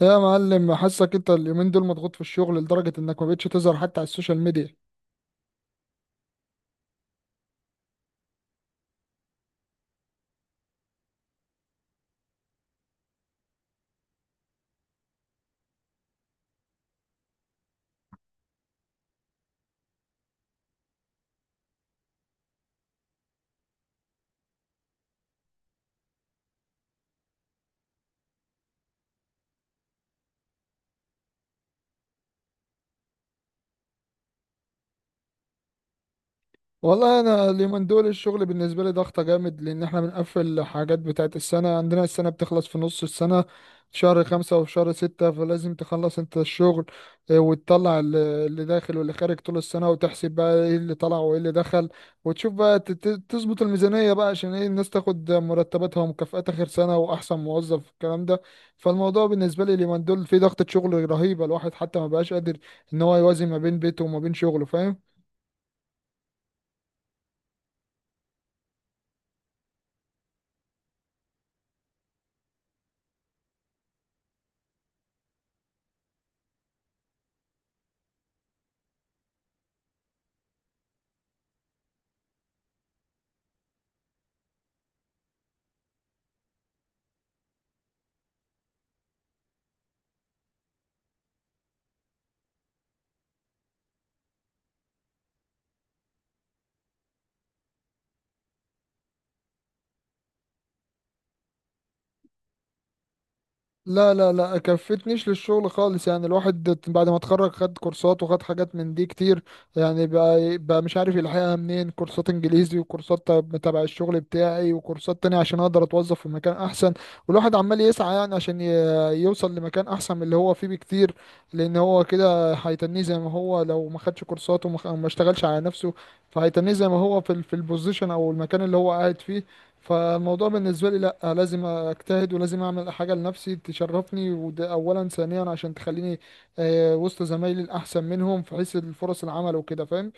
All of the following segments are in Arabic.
يا معلم، حاسك انت اليومين دول مضغوط في الشغل لدرجة انك ما بقتش تظهر حتى على السوشيال ميديا. والله انا اليومين دول الشغل بالنسبه لي ضغطه جامد، لان احنا بنقفل حاجات بتاعه السنه. عندنا السنه بتخلص في نص السنه، في شهر خمسة وفي شهر ستة، فلازم تخلص انت الشغل. وتطلع اللي داخل واللي خارج طول السنة، وتحسب بقى ايه اللي طلع وايه اللي دخل، وتشوف بقى تظبط الميزانية بقى عشان ايه الناس تاخد مرتباتها ومكافآت آخر سنة وأحسن موظف الكلام ده. فالموضوع بالنسبة لي اليومين دول في ضغطة شغل رهيبة، الواحد حتى ما بقاش قادر ان هو يوازن ما بين بيته وما بين شغله، فاهم؟ لا لا لا، كفتنيش للشغل خالص. يعني الواحد بعد ما اتخرج خد كورسات وخد حاجات من دي كتير. يعني بقى مش عارف يلحقها منين، كورسات انجليزي وكورسات تبع الشغل بتاعي وكورسات تانية عشان اقدر اتوظف في مكان احسن. والواحد عمال يسعى يعني عشان يوصل لمكان احسن من اللي هو فيه بكتير. لان هو كده هيتنيه زي ما هو لو ما خدش كورسات وما ما اشتغلش على نفسه. فهيتنيه زي ما هو في في البوزيشن او المكان اللي هو قاعد فيه. فالموضوع بالنسبة لي لأ، لازم أجتهد ولازم أعمل حاجة لنفسي تشرفني، وده أولا. ثانيا عشان تخليني وسط زمايلي الأحسن منهم في حيث الفرص العمل وكده، فاهم؟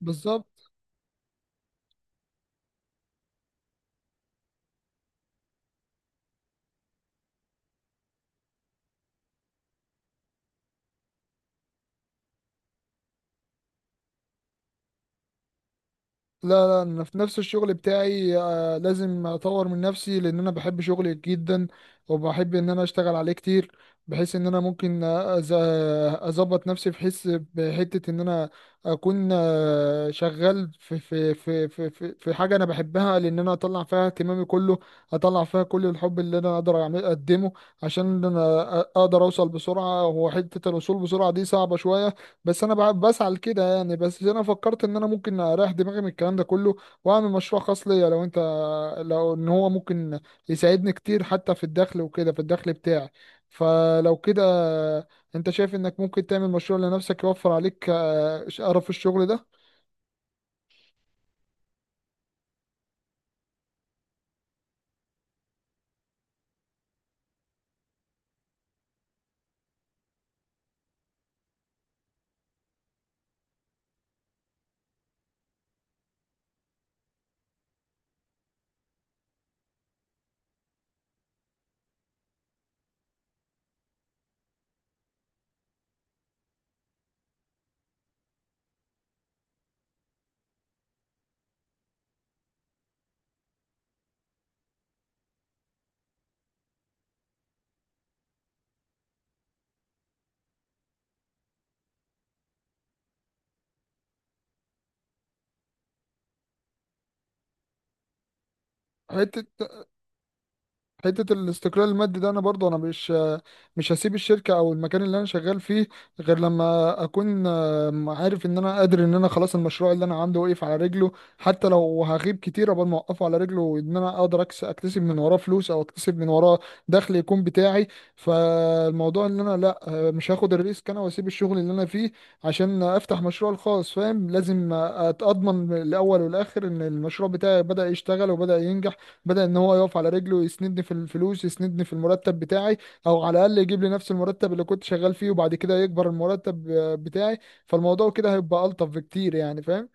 بالظبط. لا لا، انا في نفس الشغل بتاعي. لازم اطور من نفسي لان انا بحب شغلي جدا. وبحب ان انا اشتغل عليه كتير، بحيث ان انا ممكن اظبط نفسي. بحس بحتة ان انا اكون شغال في حاجة انا بحبها، لان انا اطلع فيها اهتمامي كله. اطلع فيها كل الحب اللي انا اقدر اقدمه. عشان انا اقدر اوصل بسرعة، وحتة الوصول بسرعة دي صعبة شوية. بس انا بسعى لكده يعني، بس انا فكرت ان انا ممكن اريح دماغي من الكلام ده كله واعمل مشروع خاص ليا. لو ان هو ممكن يساعدني كتير حتى في الدخل وكده، في الدخل بتاعي. فلو كده، انت شايف انك ممكن تعمل مشروع لنفسك يوفر عليك قرف الشغل ده؟ حتة حته الاستقلال المادي ده، انا برضه انا مش هسيب الشركه او المكان اللي انا شغال فيه غير لما اكون عارف ان انا قادر، ان انا خلاص المشروع اللي انا عامله واقف على رجله. حتى لو هغيب كتير قبل ما اوقفه على رجله، وان انا اقدر اكتسب من وراه فلوس او اكتسب من وراه دخل يكون بتاعي. فالموضوع ان انا لا، مش هاخد الريسك انا واسيب الشغل اللي انا فيه عشان افتح مشروع الخاص، فاهم؟ لازم اتضمن الاول والاخر ان المشروع بتاعي بدأ يشتغل وبدأ ينجح، بدأ ان هو يقف على رجله، يسندني في الفلوس، يسندني في المرتب بتاعي، او على الاقل يجيب لي نفس المرتب اللي كنت شغال فيه، وبعد كده يكبر المرتب بتاعي. فالموضوع كده هيبقى ألطف بكتير يعني، فاهم؟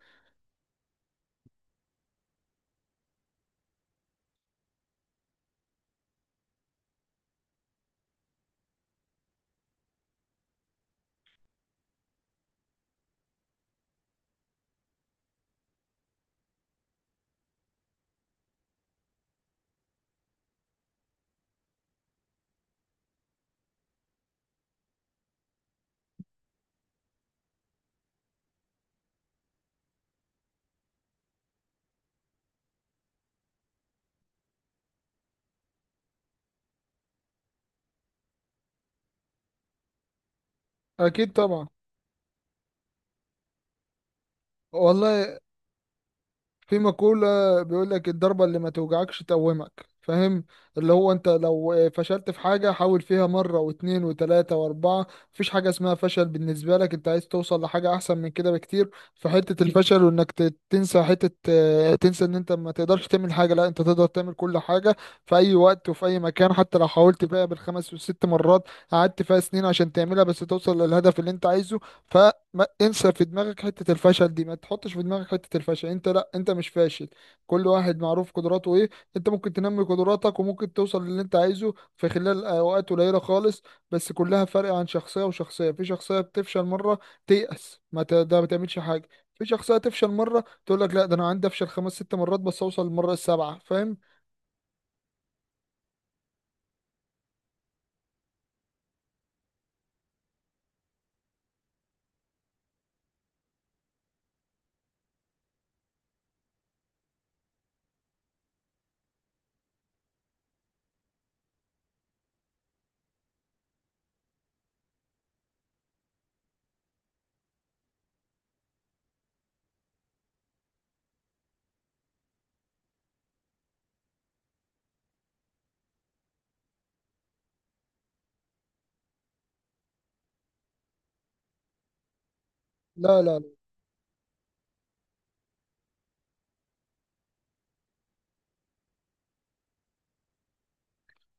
اكيد طبعا. والله في مقولة بيقول لك: الضربة اللي ما توجعكش تقومك، فاهم؟ اللي هو انت لو فشلت في حاجة، حاول فيها مرة واتنين وتلاتة واربعة. مفيش حاجة اسمها فشل بالنسبة لك، انت عايز توصل لحاجة احسن من كده بكتير، فحتة الفشل وانك تنسى حتة، تنسى ان انت ما تقدرش تعمل حاجة. لا انت تقدر تعمل كل حاجة، في اي وقت وفي اي مكان، حتى لو حاولت فيها بالخمس والست مرات، قعدت فيها سنين عشان تعملها، بس توصل للهدف اللي انت عايزه. ما انسى في دماغك حتة الفشل دي، ما تحطش في دماغك حتة الفشل. انت لا، انت مش فاشل. كل واحد معروف قدراته ايه. انت ممكن تنمي قدراتك وممكن توصل للي انت عايزه في خلال اوقات قليلة خالص. بس كلها فرق عن شخصية وشخصية. في شخصية بتفشل مرة تيأس، ما ت... ده ما تعملش حاجة. في شخصية تفشل مرة تقول لك: لا ده انا عندي افشل خمس ست مرات بس اوصل للمرة السابعة، فاهم؟ لا لا،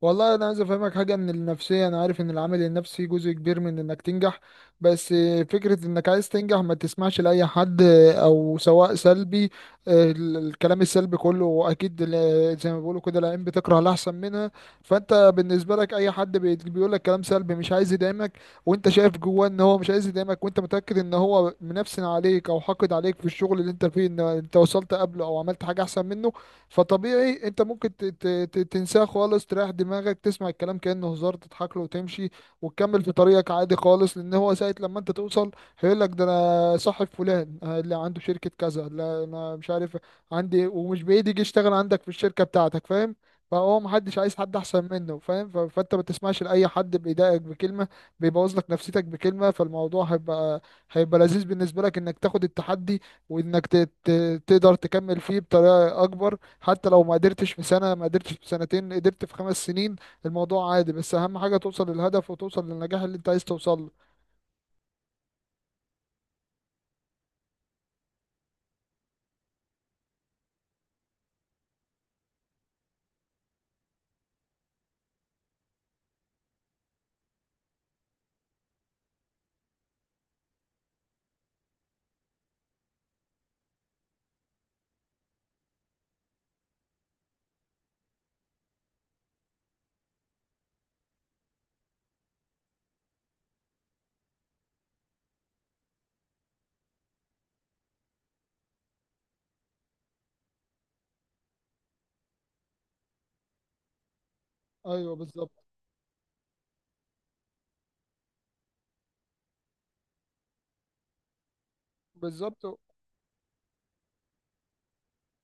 والله انا عايز افهمك حاجه. ان النفسيه، انا عارف ان العامل النفسي جزء كبير من انك تنجح، بس فكره انك عايز تنجح ما تسمعش لاي حد، او سواء سلبي، الكلام السلبي كله، اكيد زي ما بيقولوا كده، العين بتكره الاحسن منها. فانت بالنسبه لك اي حد بيقول لك كلام سلبي مش عايز يدعمك، وانت شايف جواه ان هو مش عايز يدعمك، وانت متاكد ان هو منفسن عليك او حاقد عليك في الشغل اللي انت فيه، ان انت وصلت قبله او عملت حاجه احسن منه. فطبيعي انت ممكن تنساه خالص، تريح دماغك، تسمع الكلام كأنه هزار، تضحك له وتمشي وتكمل في طريقك عادي خالص. لان هو ساعة لما انت توصل هيقول لك: ده انا صاحب فلان اللي عنده شركة كذا، لا انا مش عارف عندي. ومش بعيد يجي يشتغل عندك في الشركة بتاعتك، فاهم؟ فهو محدش عايز حد احسن منه، فاهم؟ فانت ما تسمعش لاي حد بيضايقك بكلمة، بيبوظ لك نفسيتك بكلمة. فالموضوع هيبقى لذيذ بالنسبة لك انك تاخد التحدي، وانك تقدر تكمل فيه بطريقة اكبر. حتى لو ما قدرتش في سنة، ما قدرتش في سنتين، قدرت في 5 سنين، الموضوع عادي. بس أهم حاجة توصل للهدف وتوصل للنجاح اللي أنت عايز توصل له. أيوه، بالظبط. بالظبط،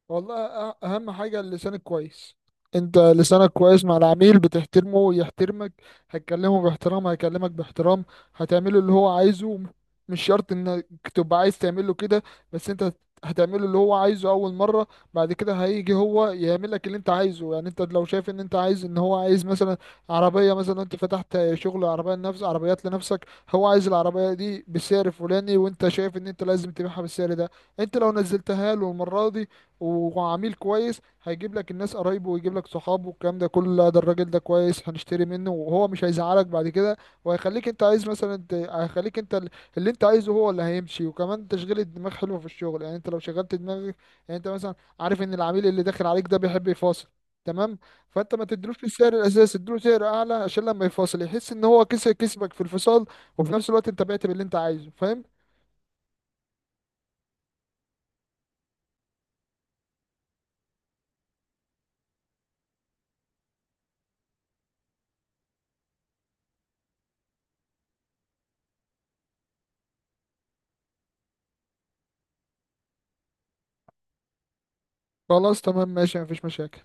والله اهم حاجة لسانك كويس. انت لسانك كويس مع العميل، بتحترمه ويحترمك، هتكلمه باحترام هيكلمك باحترام، هتعمله اللي هو عايزه. مش شرط انك تبقى عايز تعمله كده، بس انت هتعمله اللي هو عايزه اول مرة. بعد كده هيجي هو يعمل لك اللي انت عايزه. يعني انت لو شايف ان انت عايز، ان هو عايز مثلا عربية، مثلا انت فتحت شغل عربية لنفس، عربيات لنفسك، هو عايز العربية دي بالسعر الفلاني وانت شايف ان انت لازم تبيعها بالسعر ده. انت لو نزلتها له المرة دي وعميل كويس، هيجيب لك الناس قرايبه ويجيب لك صحابه والكلام ده كله: لا ده الراجل ده كويس هنشتري منه، وهو مش هيزعلك بعد كده. وهيخليك انت عايز مثلا هيخليك انت اللي انت عايزه هو اللي هيمشي. وكمان تشغيل الدماغ حلو في الشغل، يعني انت لو شغلت دماغك، يعني انت مثلا عارف ان العميل اللي داخل عليك ده بيحب يفاصل، تمام؟ فانت ما تدلوش السعر الاساسي، اديله سعر اعلى عشان لما يفاصل يحس ان هو كسب، كسبك في الفصال، وفي نفس الوقت انت بعت باللي انت عايزه، فاهم؟ خلاص تمام، ماشي، مفيش مشاكل.